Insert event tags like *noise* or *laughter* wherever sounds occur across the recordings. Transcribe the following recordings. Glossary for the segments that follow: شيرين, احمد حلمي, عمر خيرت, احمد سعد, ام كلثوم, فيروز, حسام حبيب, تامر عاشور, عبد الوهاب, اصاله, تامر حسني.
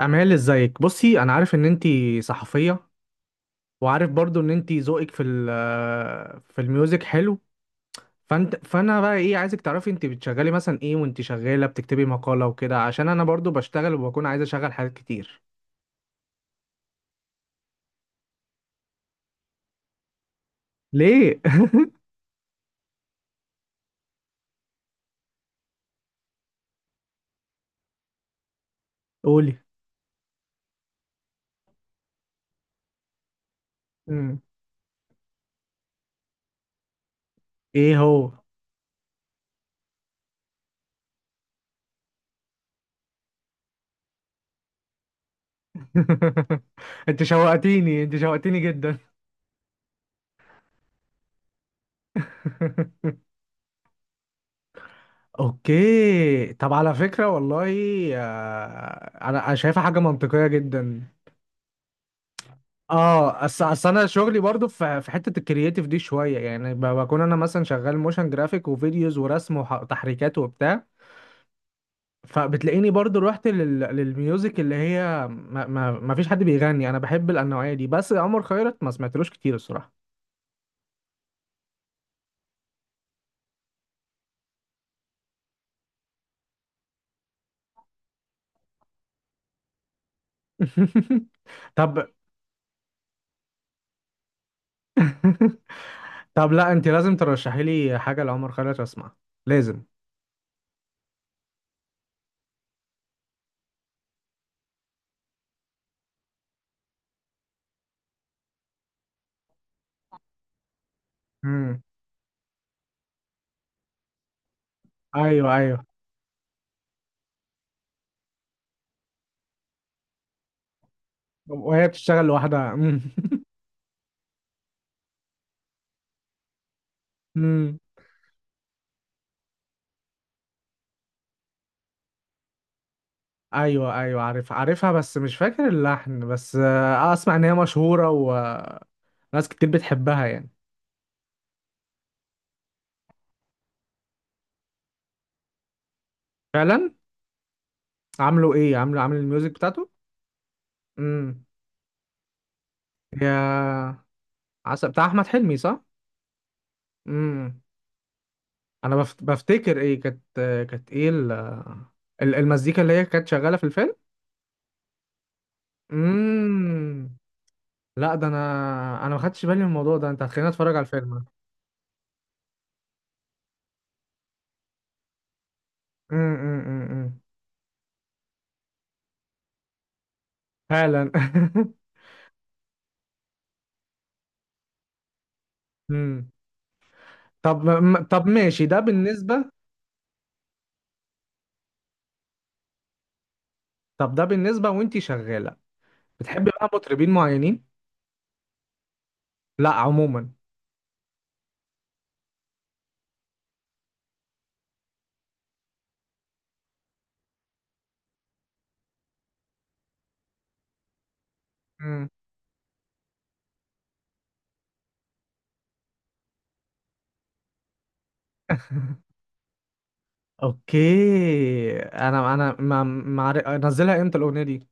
أمال، ازيك؟ بصي، انا عارف ان انتي صحفية، وعارف برضو ان انتي ذوقك في ال- آه، في الميوزك حلو. فانا بقى ايه، عايزك تعرفي انتي بتشغلي مثلا ايه وانتي شغالة بتكتبي مقالة وكده، عشان انا برضو بشتغل وبكون عايز اشغل حاجات كتير. ليه؟ *laughs* قولي. مم. ايه هو؟ *laughs* انت شوقتيني، انت شوقتيني جدا. *laughs* اوكي، طب على فكرة والله، انا شايفها حاجة منطقية جدا. اصل انا شغلي برضو في حته الكرياتيف دي شويه، يعني بكون انا مثلا شغال موشن جرافيك وفيديوز ورسم وتحريكات وبتاع. فبتلاقيني برضو رحت للميوزك اللي هي ما فيش حد بيغني. انا بحب النوعيه دي، بس عمر خيرت ما سمعتلوش كتير الصراحه. *laughs* طب. *laughs* طب لا، انت لازم ترشحي لي حاجه لعمر خيرت اسمعها، لازم. امم. ايوه، ايوه. وهي بتشتغل لوحدها. امم. *laughs* ايوه، ايوه، عارف، عارفها، بس مش فاكر اللحن، بس اسمع ان هي مشهوره وناس كتير بتحبها يعني. فعلا. عامله ايه، عامل الميوزك بتاعته. امم. يا. عسل بتاع احمد حلمي، صح؟ امم. انا بفتكر ايه كانت، كانت ايه المزيكا اللي هي كانت شغاله في الفيلم. امم. لا ده انا، ما خدتش بالي من الموضوع ده، انت هتخليني اتفرج على الفيلم. امم. فعلا. *laughs* امم. طب ماشي، ده بالنسبه. طب ده بالنسبة وانتي شغالة، بتحبي بقى مطربين معينين؟ لا، عموما. مم. *laughs* اوكي، انا انا ما ما عارف- انزلها امتى الاغنية دي؟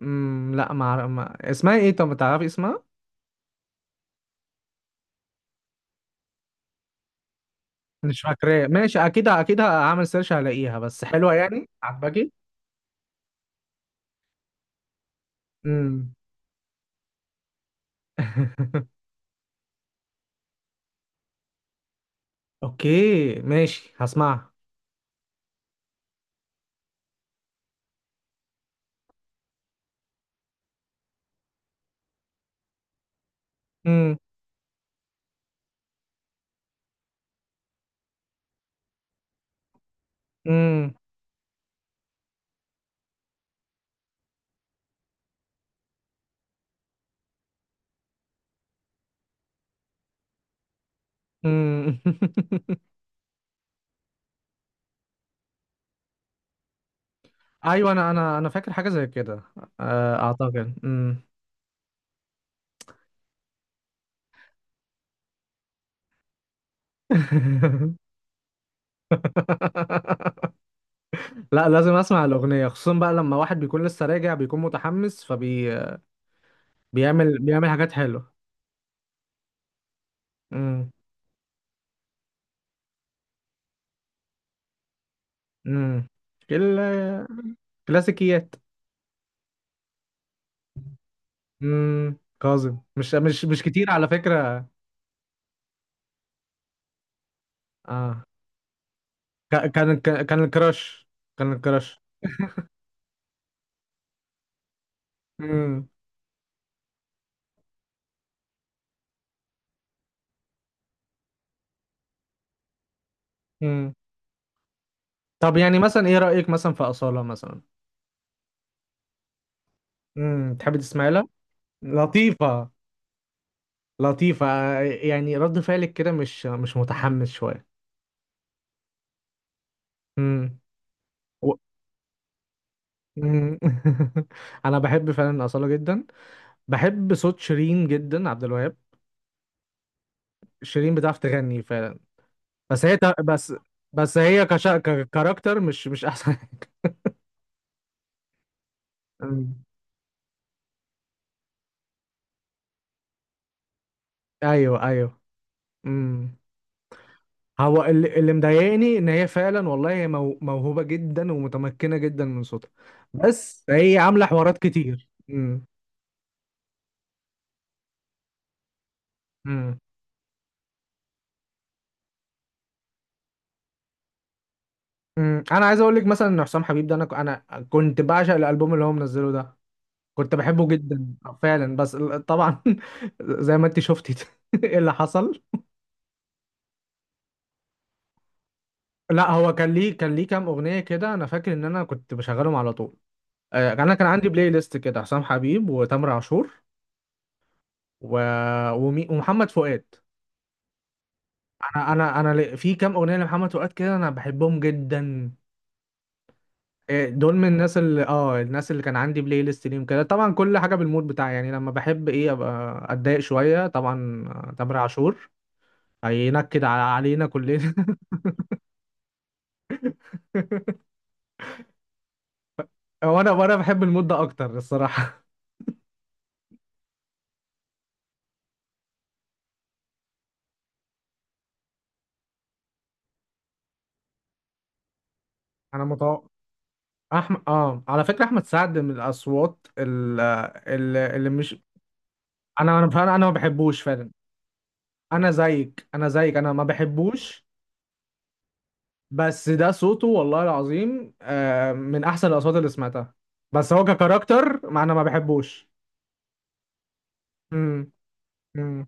مم. لا، ما اسمها ايه، طب تعرفي اسمها؟ مش فاكراه، ماشي، اكيد اكيد هعمل سيرش هلاقيها، بس حلوة يعني، عجباكي؟ امم. *laughs* اوكي ماشي، هسمعها. امم. امم. امم. *laughs* ايوه، انا فاكر حاجة زي كده، اعتقد. امم. *laughs* *laughs* لا، لازم اسمع الاغنيه، خصوصا بقى لما واحد بيكون لسه راجع بيكون متحمس فبي بيعمل حاجات حلوه. امم. امم. كل كلاسيكيات. امم، كاظم مش كتير على فكره. اه، كان الكراش، كان الكراش. امم. امم. طب يعني مثلا ايه رايك مثلا في اصاله مثلا؟ امم، تحبي تسمعي لها؟ لطيفه. لطيفه، يعني رد فعلك كده مش متحمس شويه. امم. مم. *laughs* انا بحب فعلا اصاله جدا. بحب صوت شيرين جدا، عبد الوهاب. شيرين بتعرف تغني فعلا، بس هي ككاركتر مش احسن. *laughs* مم. ايوه، ايوه. امم. هو اللي مضايقني، ان هي فعلا والله هي موهوبه جدا ومتمكنه جدا من صوتها، بس هي عامله حوارات كتير. امم. امم. امم. انا عايز اقول لك مثلا ان حسام حبيب ده، انا كنت بعشق الالبوم اللي هو منزله ده، كنت بحبه جدا. فعلا، بس طبعا *laughs* زي ما انت شفتي. *laughs* ايه اللي حصل؟ لا هو كان ليه كام اغنيه كده، انا فاكر ان انا كنت بشغلهم على طول. يعني انا كان عندي بلاي ليست كده، حسام حبيب وتامر عاشور، و... ومحمد فؤاد. في كام اغنيه لمحمد فؤاد كده انا بحبهم جدا. دول من الناس اللي اه الناس اللي كان عندي بلاي ليست ليهم كده، طبعا كل حاجه بالمود بتاعي، يعني لما بحب ايه ابقى اتضايق شويه طبعا. تامر عاشور هينكد علينا كلنا. *laughs* هو انا وانا بحب المود ده اكتر الصراحه. *laughs* انا متوقع. احمد اه على فكره، احمد سعد من الاصوات اللي مش. انا انا فعلا انا ما بحبوش فعلا. انا زيك، انا زيك، انا ما بحبوش، بس ده صوته والله العظيم، من احسن الاصوات اللي سمعتها، بس هو ككاركتر، ما انا ما بحبوش. امم. امم.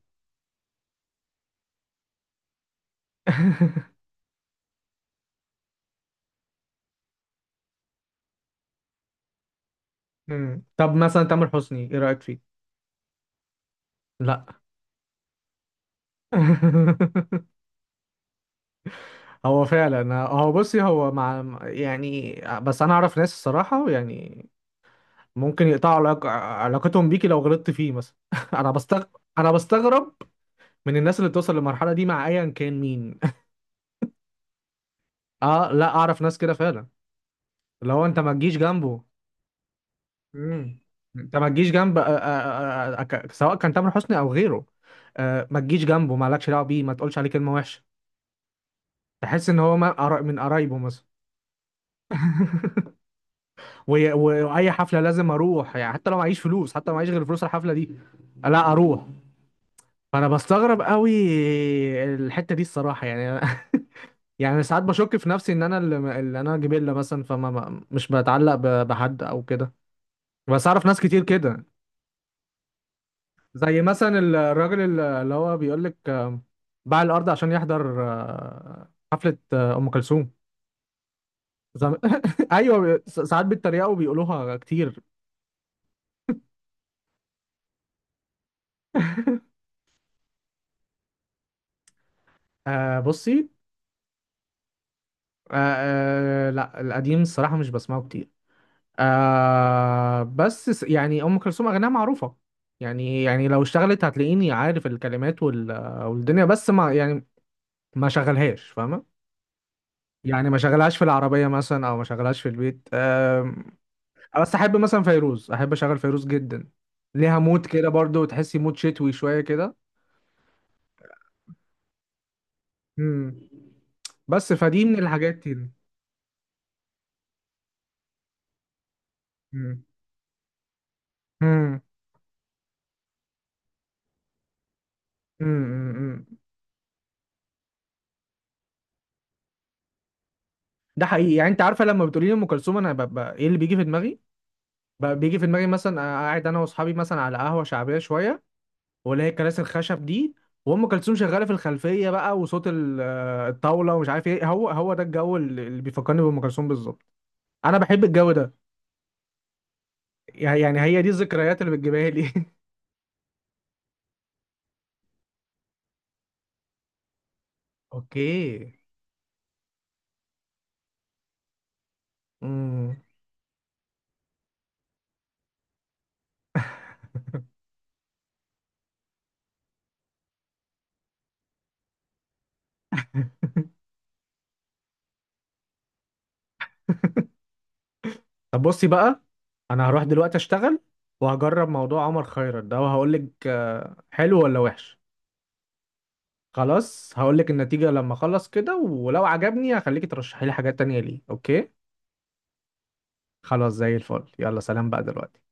*laughs* امم. طب مثلا تامر حسني ايه رايك فيه؟ لا. *laughs* هو فعلا، هو بصي، هو مع يعني، بس انا اعرف ناس الصراحه، يعني ممكن يقطعوا علاقتهم بيكي لو غلطت فيه مثلا. *laughs* انا بستغرب، انا بستغرب من الناس اللي بتوصل للمرحله دي مع ايا كان مين. *laughs* اه لا، اعرف ناس كده فعلا، اللي هو انت ما تجيش جنبه. مم. انت ما تجيش جنب، سواء كان تامر حسني او غيره، ما تجيش جنبه، ما لكش دعوه بيه، ما تقولش عليه كلمه وحشه، تحس ان هو من قرايبه مثلا. *laughs* واي حفله لازم اروح، يعني حتى لو معيش فلوس، حتى لو معيش غير فلوس الحفله دي، لا اروح. فانا بستغرب قوي الحته دي الصراحه يعني. *laughs* يعني ساعات بشك في نفسي ان انا اللي انا جبله مثلا، فما مش بتعلق بحد او كده، بس اعرف ناس كتير كده. زي مثلا الراجل اللي هو بيقول لك باع الارض عشان يحضر حفله ام كلثوم. زم... *laughs* ايوه، ساعات بيتريقوا وبيقولوها كتير. آه بصي. آه، آه، لا القديم الصراحة مش بسمعه كتير. آه بس يعني أم كلثوم أغانيها معروفة، يعني، لو اشتغلت هتلاقيني عارف الكلمات وال والدنيا، بس ما يعني، ما شغلهاش فاهمة. يعني ما شغلهاش في العربية مثلا، أو ما شغلهاش في البيت، آه. بس أحب مثلا فيروز، أحب أشغل فيروز جدا، ليها مود كده برضو، تحسي مود شتوي شوية كده. مم. بس فدي من الحاجات دي. مم. مم. مم. مم. ده حقيقي، يعني انت عارفه لما بتقولي لي ام كلثوم انا ببقى ايه اللي بيجي في دماغي، بقى بيجي في دماغي مثلا، أنا قاعد انا واصحابي مثلا على قهوه شعبيه شويه، واللي هي الكراسي الخشب دي، وام كلثوم شغاله في الخلفيه بقى، وصوت الطاوله ومش عارف ايه، هو ده الجو اللي بيفكرني بام كلثوم بالظبط. انا بحب الجو ده، يعني هي دي الذكريات اللي بتجيبها لي. *laughs* اوكي. امم. طب بصي بقى، انا هروح دلوقتي اشتغل، وهجرب موضوع عمر خيرت ده، وهقول لك حلو ولا وحش. خلاص، هقول لك النتيجة لما اخلص كده، ولو عجبني هخليكي ترشحي لي حاجات تانية، ليه؟ اوكي. خلاص زي الفل، يلا سلام بقى دلوقتي.